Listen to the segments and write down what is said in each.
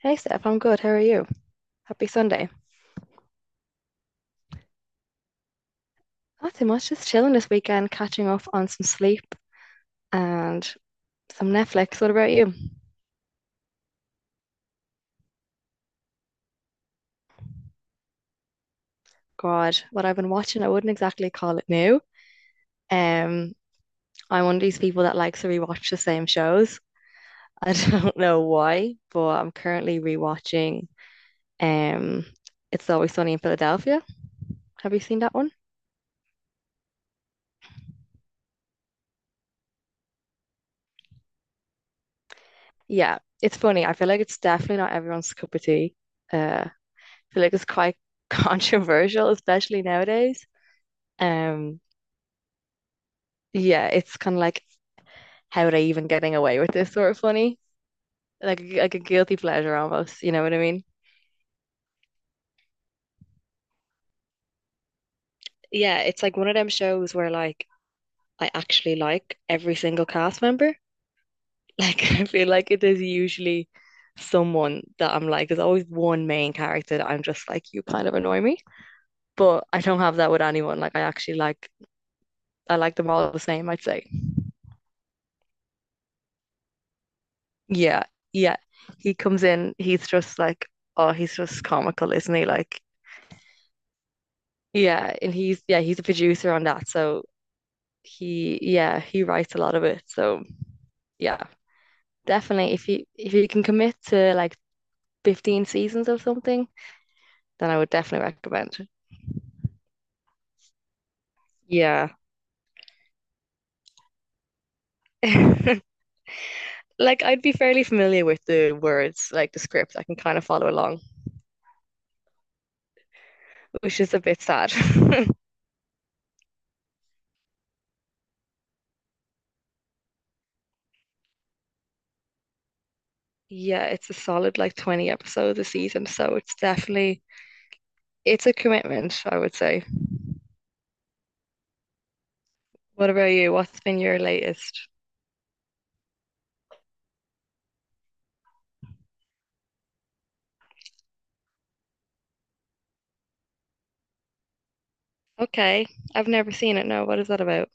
Hey Steph, I'm good. How are you? Happy Sunday. Nothing much, just chilling this weekend, catching up on some sleep and some Netflix. What about you? God, what I've been watching, I wouldn't exactly call it new. Um, I'm one of these people that likes to rewatch the same shows. I don't know why, but I'm currently rewatching um It's Always Sunny in Philadelphia. Have you seen that one? Yeah, it's funny. I feel like it's definitely not everyone's cup of tea. I feel like it's quite controversial, especially nowadays. Um, yeah, it's kind of like, how are they even getting away with this sort of funny? Like a guilty pleasure almost, you know what I mean? Yeah, it's like one of them shows where, like, I actually like every single cast member. Like, I feel like it is usually someone that I'm like, there's always one main character that I'm just like, you kind of annoy me. But I don't have that with anyone. Like, I actually like, I like them all the same, I'd say. Yeah, yeah. He comes in, he's just like, oh, he's just comical, isn't he? Like, yeah, and he's yeah, he's a producer on that. So he yeah, he writes a lot of it. So yeah, definitely if you can commit to like 15 seasons of something, then I would definitely recommend it. Yeah. Like, I'd be fairly familiar with the words, like the script. I can kind of follow along, which is a bit sad. Yeah, it's a solid like 20 episodes a season, so it's definitely, it's a commitment, I would say. What about you? What's been your latest? Okay. I've never seen it. No, what is that about?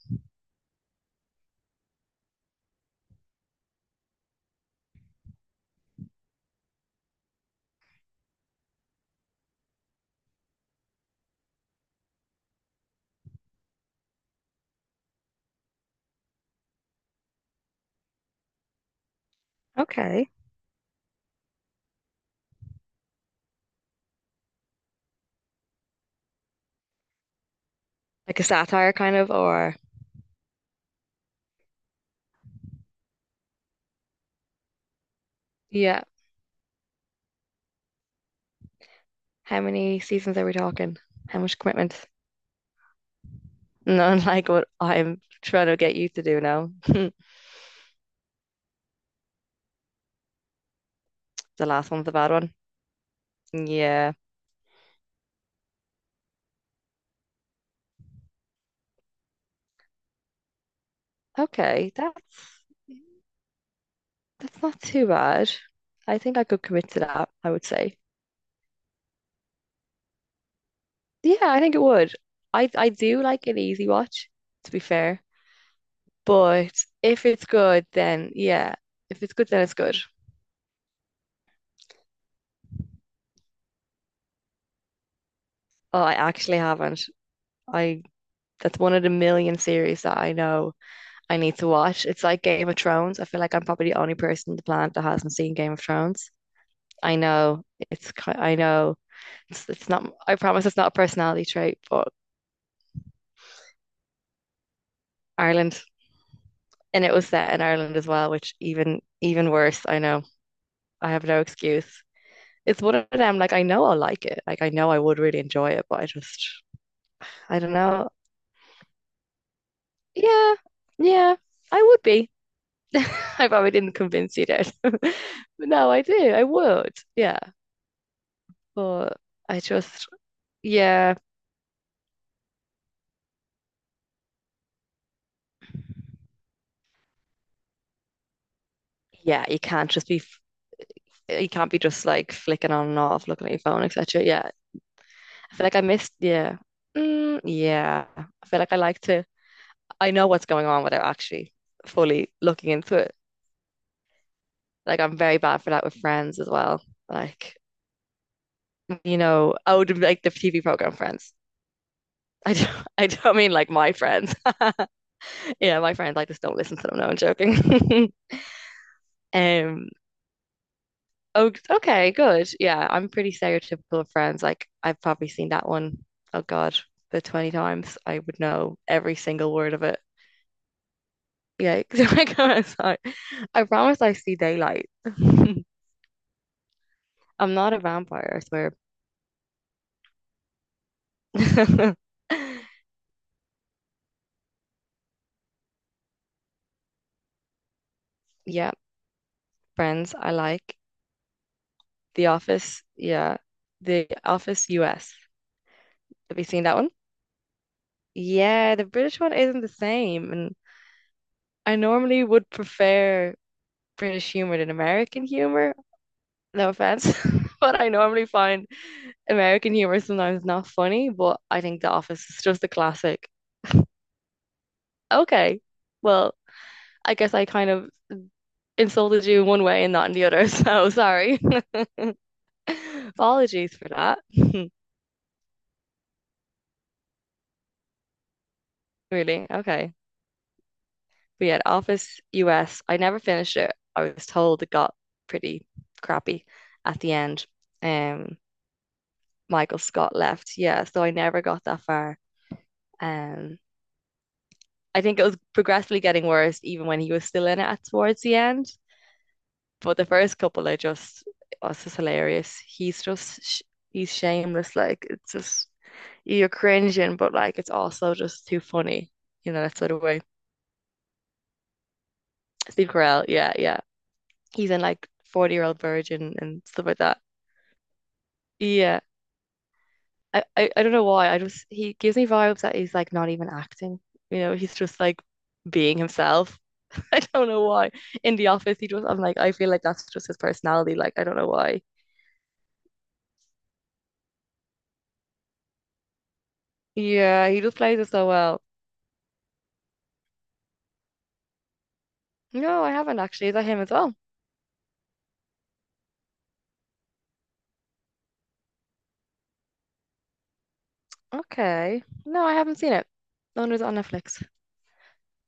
Okay. Like a satire kind of, or yeah. How many seasons are we talking? How much commitment? Not like what I'm trying to get you to do now. The last one's a bad one. Yeah. Okay. That's not too bad. I think I could commit to that, I would say. Yeah, I think it would. I do like an easy watch, to be fair. But if it's good, then yeah. If it's good, then it's good. Oh, I actually haven't. I That's one of the million series that I know I need to watch. It's like Game of Thrones. I feel like I'm probably the only person on the planet that hasn't seen Game of Thrones. I know I know it's not, I promise it's not a personality trait, but Ireland, and it was set in Ireland as well, which even worse, I know. I have no excuse. It's one of them, like, I know I'll like it. Like, I know I would really enjoy it, but I just, I don't know. Yeah, yeah, I would be. I probably didn't convince you that. But no, I do. I would. Yeah. But I just, yeah. Yeah, you can't just be, you can't be just like flicking on and off, looking at your phone, etc. I feel like I missed. Yeah, yeah, I feel like I like to. I know what's going on without actually fully looking into it. Like, I'm very bad for that with Friends as well. Like, you know, oh, like the TV program Friends. I don't mean like my friends. Yeah, my friends. I just don't listen to them. No, I'm joking. Um, oh, okay, good. Yeah, I'm pretty stereotypical of Friends. Like, I've probably seen that one, oh God, the 20 times. I would know every single word of it. Yeah, 'cause when I go outside, I promise I see daylight. I'm not a vampire, I swear. Yeah, Friends, I like. The Office, yeah. The Office US. Have you seen that one? Yeah, the British one isn't the same. And I normally would prefer British humor than American humor. No offense, but I normally find American humor sometimes not funny, but I think The Office is just a classic. Okay, well, I guess I kind of insulted you in one way and not in the other, so sorry. Apologies for that. Really? Okay. But yeah, The Office US, I never finished it. I was told it got pretty crappy at the end. Um, Michael Scott left. Yeah, so I never got that far. Um. I think it was progressively getting worse even when he was still in it towards the end. But the first couple are just, oh, it's just hilarious. He's just, he's shameless. Like, it's just, you're cringing, but like, it's also just too funny, you know, that sort of way. Steve Carell, yeah, yeah. He's in like 40 Year Old Virgin and stuff like that. Yeah. I don't know why. I just, he gives me vibes that he's like not even acting, you know, he's just like being himself. I don't know why. In the office, he just, I'm like, I feel like that's just his personality. Like, I don't know why. Yeah, he just plays it so well. No, I haven't actually. Is that him as well? Okay. No, I haven't seen it. No, wonder it's on Netflix.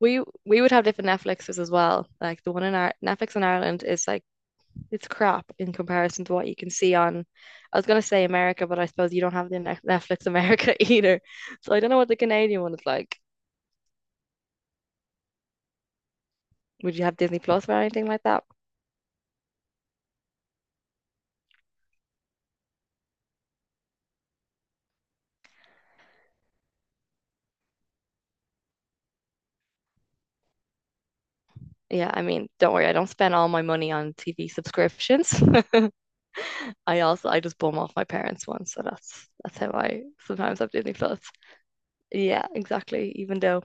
We would have different Netflixes as well. Like the one in our Netflix in Ireland is like, it's crap in comparison to what you can see on. I was gonna say America, but I suppose you don't have the Netflix America either. So I don't know what the Canadian one is like. Would you have Disney Plus or anything like that? Yeah, I mean, don't worry, I don't spend all my money on TV subscriptions. I just bum off my parents once, so that's how I sometimes have Disney Plus. Yeah, exactly. Even though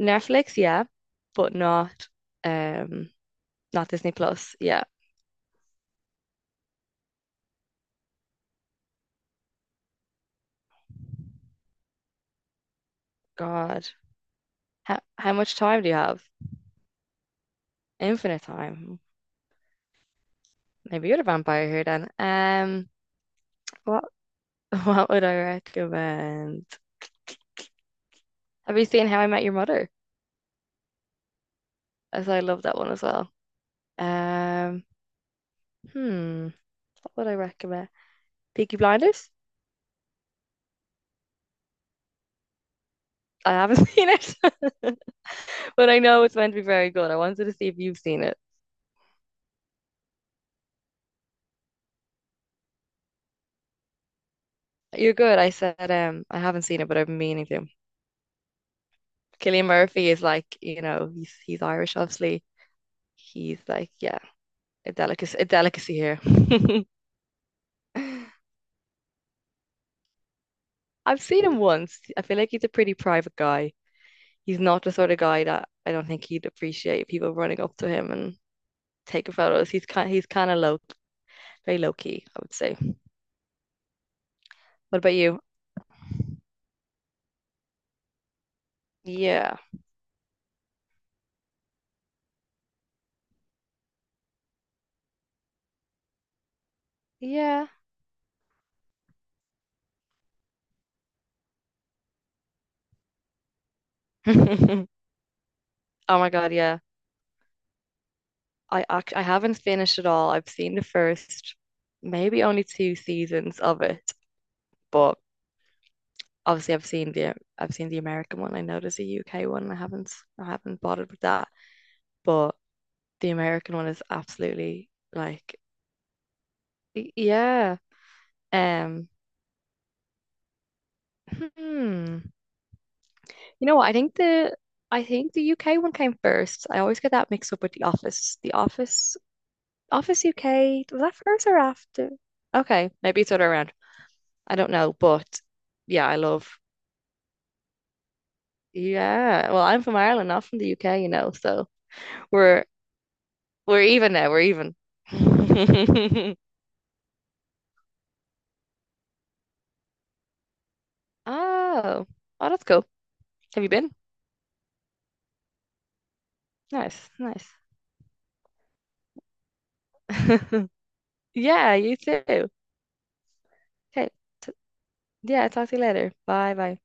Netflix, yeah, but not um not Disney Plus. Yeah. God. How much time do you have? Infinite time. Maybe you're the vampire here then. What what would I recommend? Have you seen How I Met Your Mother? As I love that one as well. Um, hmm. What I recommend? Peaky Blinders? I haven't seen it, but I know it's meant to be very good. I wanted to see if you've seen it. You're good. I said, I haven't seen it, but I've been meaning to. Cillian Murphy is like, you know, he's Irish, obviously. He's like, yeah, a delicacy here. I've seen him once. I feel like he's a pretty private guy. He's not the sort of guy that, I don't think he'd appreciate people running up to him and taking photos. He's kind of low, very low key, I would say. What about you? Yeah. Yeah. Oh my God, yeah. I haven't finished it all. I've seen the first, maybe only two seasons of it, but obviously I've seen the American one. I know there's a UK one. I haven't bothered with that, but the American one is absolutely like, yeah. Um, hmm. You know what? I think the UK one came first. I always get that mixed up with The Office. Office UK, was that first or after? Okay, maybe it's other around. I don't know, but yeah, I love. Yeah, well, I'm from Ireland, not from the UK, you know, so we're we're even now, we're even. Oh, oh, that's cool. Have you been? Nice, nice. Yeah, you too. Okay, t yeah, talk to you later. Bye, bye.